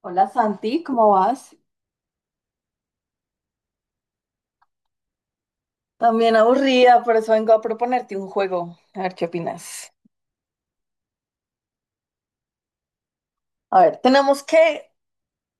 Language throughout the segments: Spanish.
Hola Santi, ¿cómo vas? También aburrida, por eso vengo a proponerte un juego. A ver qué opinas. A ver, tenemos que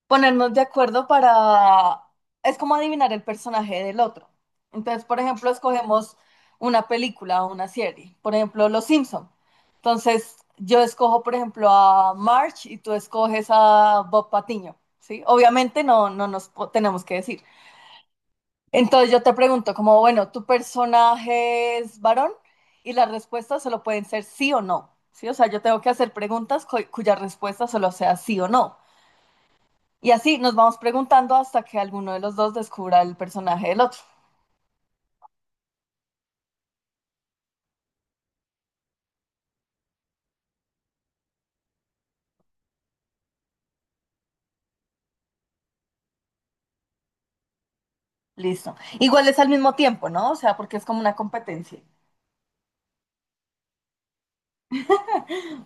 ponernos de acuerdo para... Es como adivinar el personaje del otro. Entonces, por ejemplo, escogemos una película o una serie. Por ejemplo, Los Simpson. Entonces, yo escojo, por ejemplo, a Marge y tú escoges a Bob Patiño, ¿sí? Obviamente no, tenemos que decir. Entonces yo te pregunto, como bueno, ¿tu personaje es varón? Y las respuestas solo pueden ser sí o no. ¿Sí? O sea, yo tengo que hacer preguntas cuya respuesta solo sea sí o no. Y así nos vamos preguntando hasta que alguno de los dos descubra el personaje del otro. Listo. Igual es al mismo tiempo, ¿no? O sea, porque es como una competencia.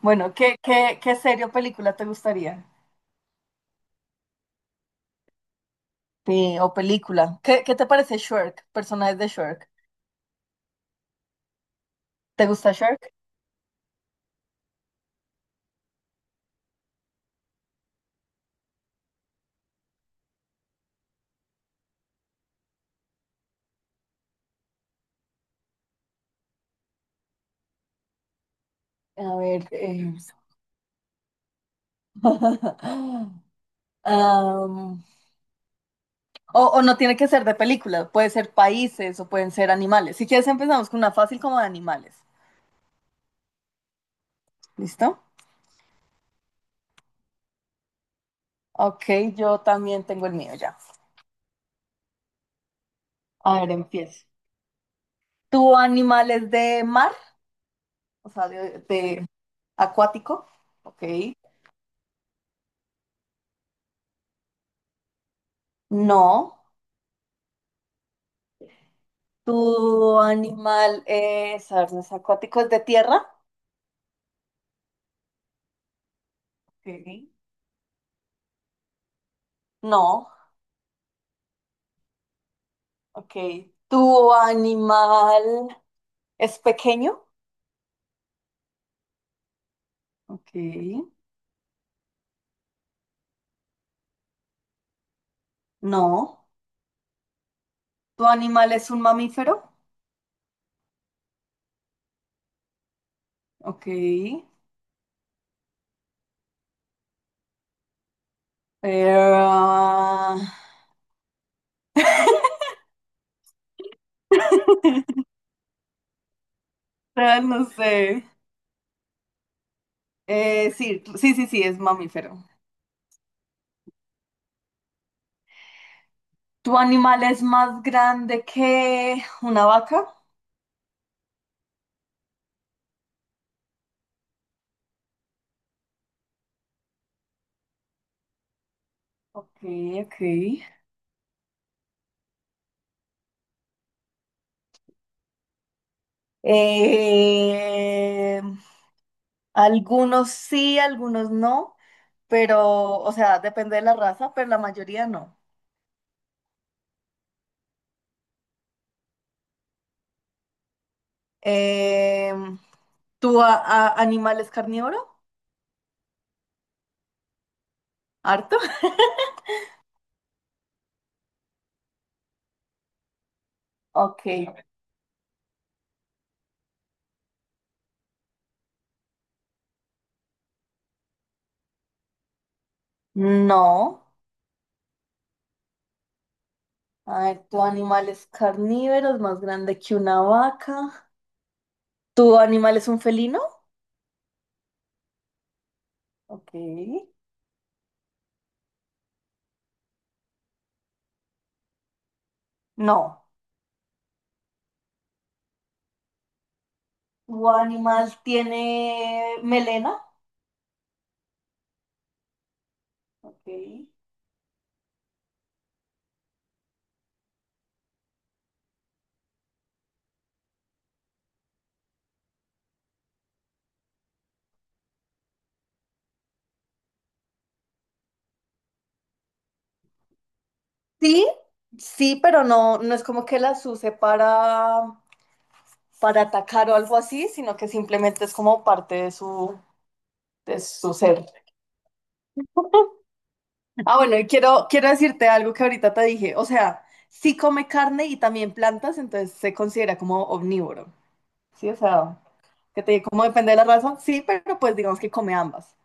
Bueno, ¿qué serie o película te gustaría? Sí, o película. ¿Qué te parece Shrek? Personajes de Shrek. ¿Te gusta Shrek? A ver. Am, O, no tiene que ser de películas, puede ser países o pueden ser animales. Si quieres empezamos con una fácil como de animales. ¿Listo? Ok, yo también tengo el mío ya. A ver, empiezo. ¿Tu animal es de mar? O sea, de acuático. Ok. No. ¿Tu animal es, a ver, no es acuático? ¿Es de tierra? Ok. No. Ok. ¿Tu animal es pequeño? Ok. No. ¿Tu animal es un mamífero? Ok, pero, pero no sé. Sí, sí, sí, sí, es mamífero. ¿Tu animal es más grande que una vaca? Ok, ok. Eh, Algunos sí, algunos no, pero, o sea, depende de la raza, pero la mayoría no. Eh, ¿Tu animal es carnívoro? ¿Harto? Ok, no. A ver, ¿tu animal es carnívoro, es más grande que una vaca? ¿Tu animal es un felino? Ok. No. ¿Tu animal tiene melena? Ok. Sí, sí, pero no, no es como que las use para atacar o algo así, sino que simplemente es como parte de su ser. Ah, bueno, y quiero, quiero decirte algo que ahorita te dije. O sea, sí come carne y también plantas, entonces se considera como omnívoro. Sí, o sea. Que te digo, ¿cómo depende de la raza? Sí, pero pues digamos que come ambas.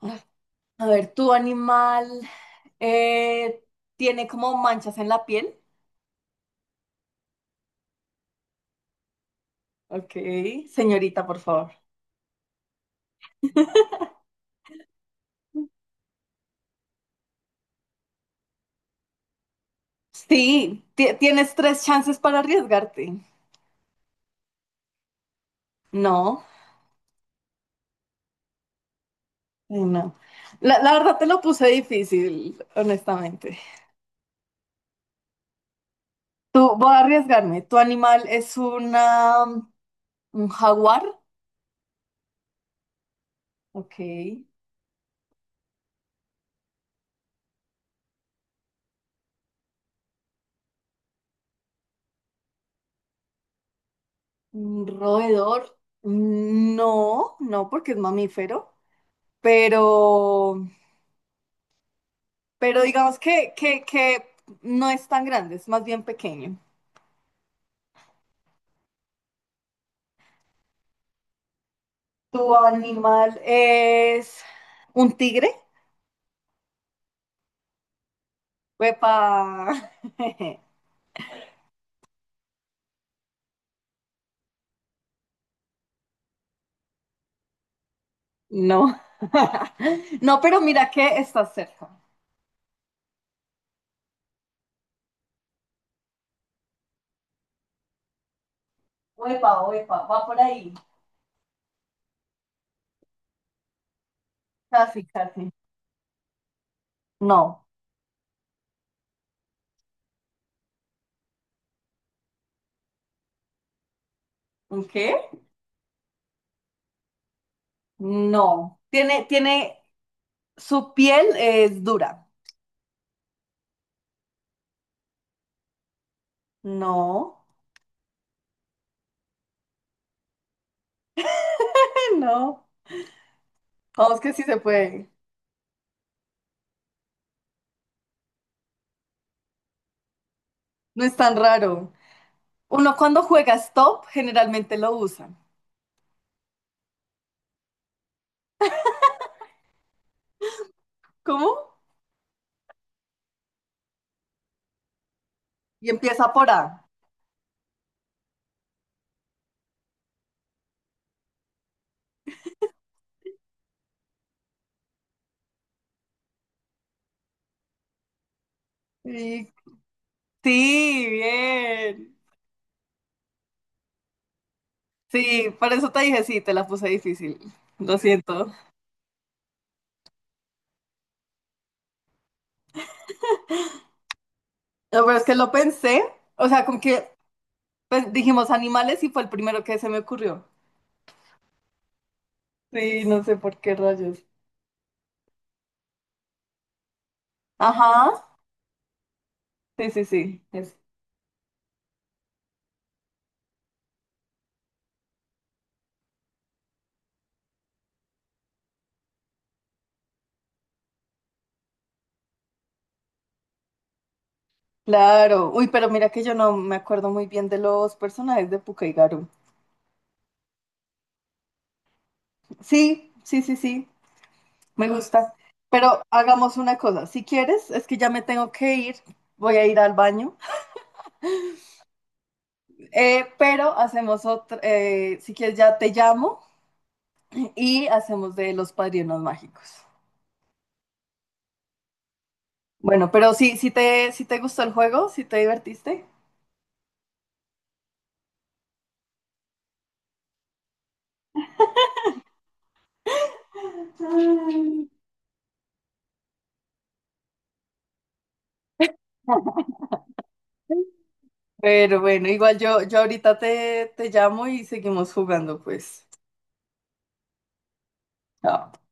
Ay, a ver, ¿tu animal eh, tiene como manchas en la piel? Ok, señorita, por favor. Sí, tienes tres chances para arriesgarte. No, no. La verdad te lo puse difícil, honestamente. Tú, voy a arriesgarme. ¿Tu animal es un jaguar? Ok. ¿Un roedor? No, no, porque es mamífero. pero, pero digamos que, que no es tan grande, es más bien pequeño. Tu animal es un tigre. Uepa. No. No, pero mira que está cerca. Uepa, uepa, va por ahí. Casi, casi. No. ¿Un qué? No. Tiene, tiene, su piel es dura. No. No. Vamos que sí se puede. No es tan raro. Uno cuando juega stop generalmente lo usa. ¿Cómo? Y empieza por A. Y- Sí, bien. Sí, por eso te dije, sí, te la puse difícil. Lo siento. No, pero es que lo pensé. O sea, con que pues, dijimos animales y fue el primero que se me ocurrió. Sí, no sé por qué rayos. Ajá. Sí, sí, sí. Claro. Uy, pero mira que yo no me acuerdo muy bien de los personajes de Pucca y Garu. Sí, sí, sí, sí. Me gusta. Pero hagamos una cosa. Si quieres, es que ya me tengo que ir. Voy a ir al baño. Pero hacemos otra. Si quieres, ya te llamo y hacemos de los padrinos mágicos. Bueno, pero si, si te gustó el juego, si te divertiste. Ay. Pero bueno, igual yo, yo ahorita te llamo y seguimos jugando, pues. Chao.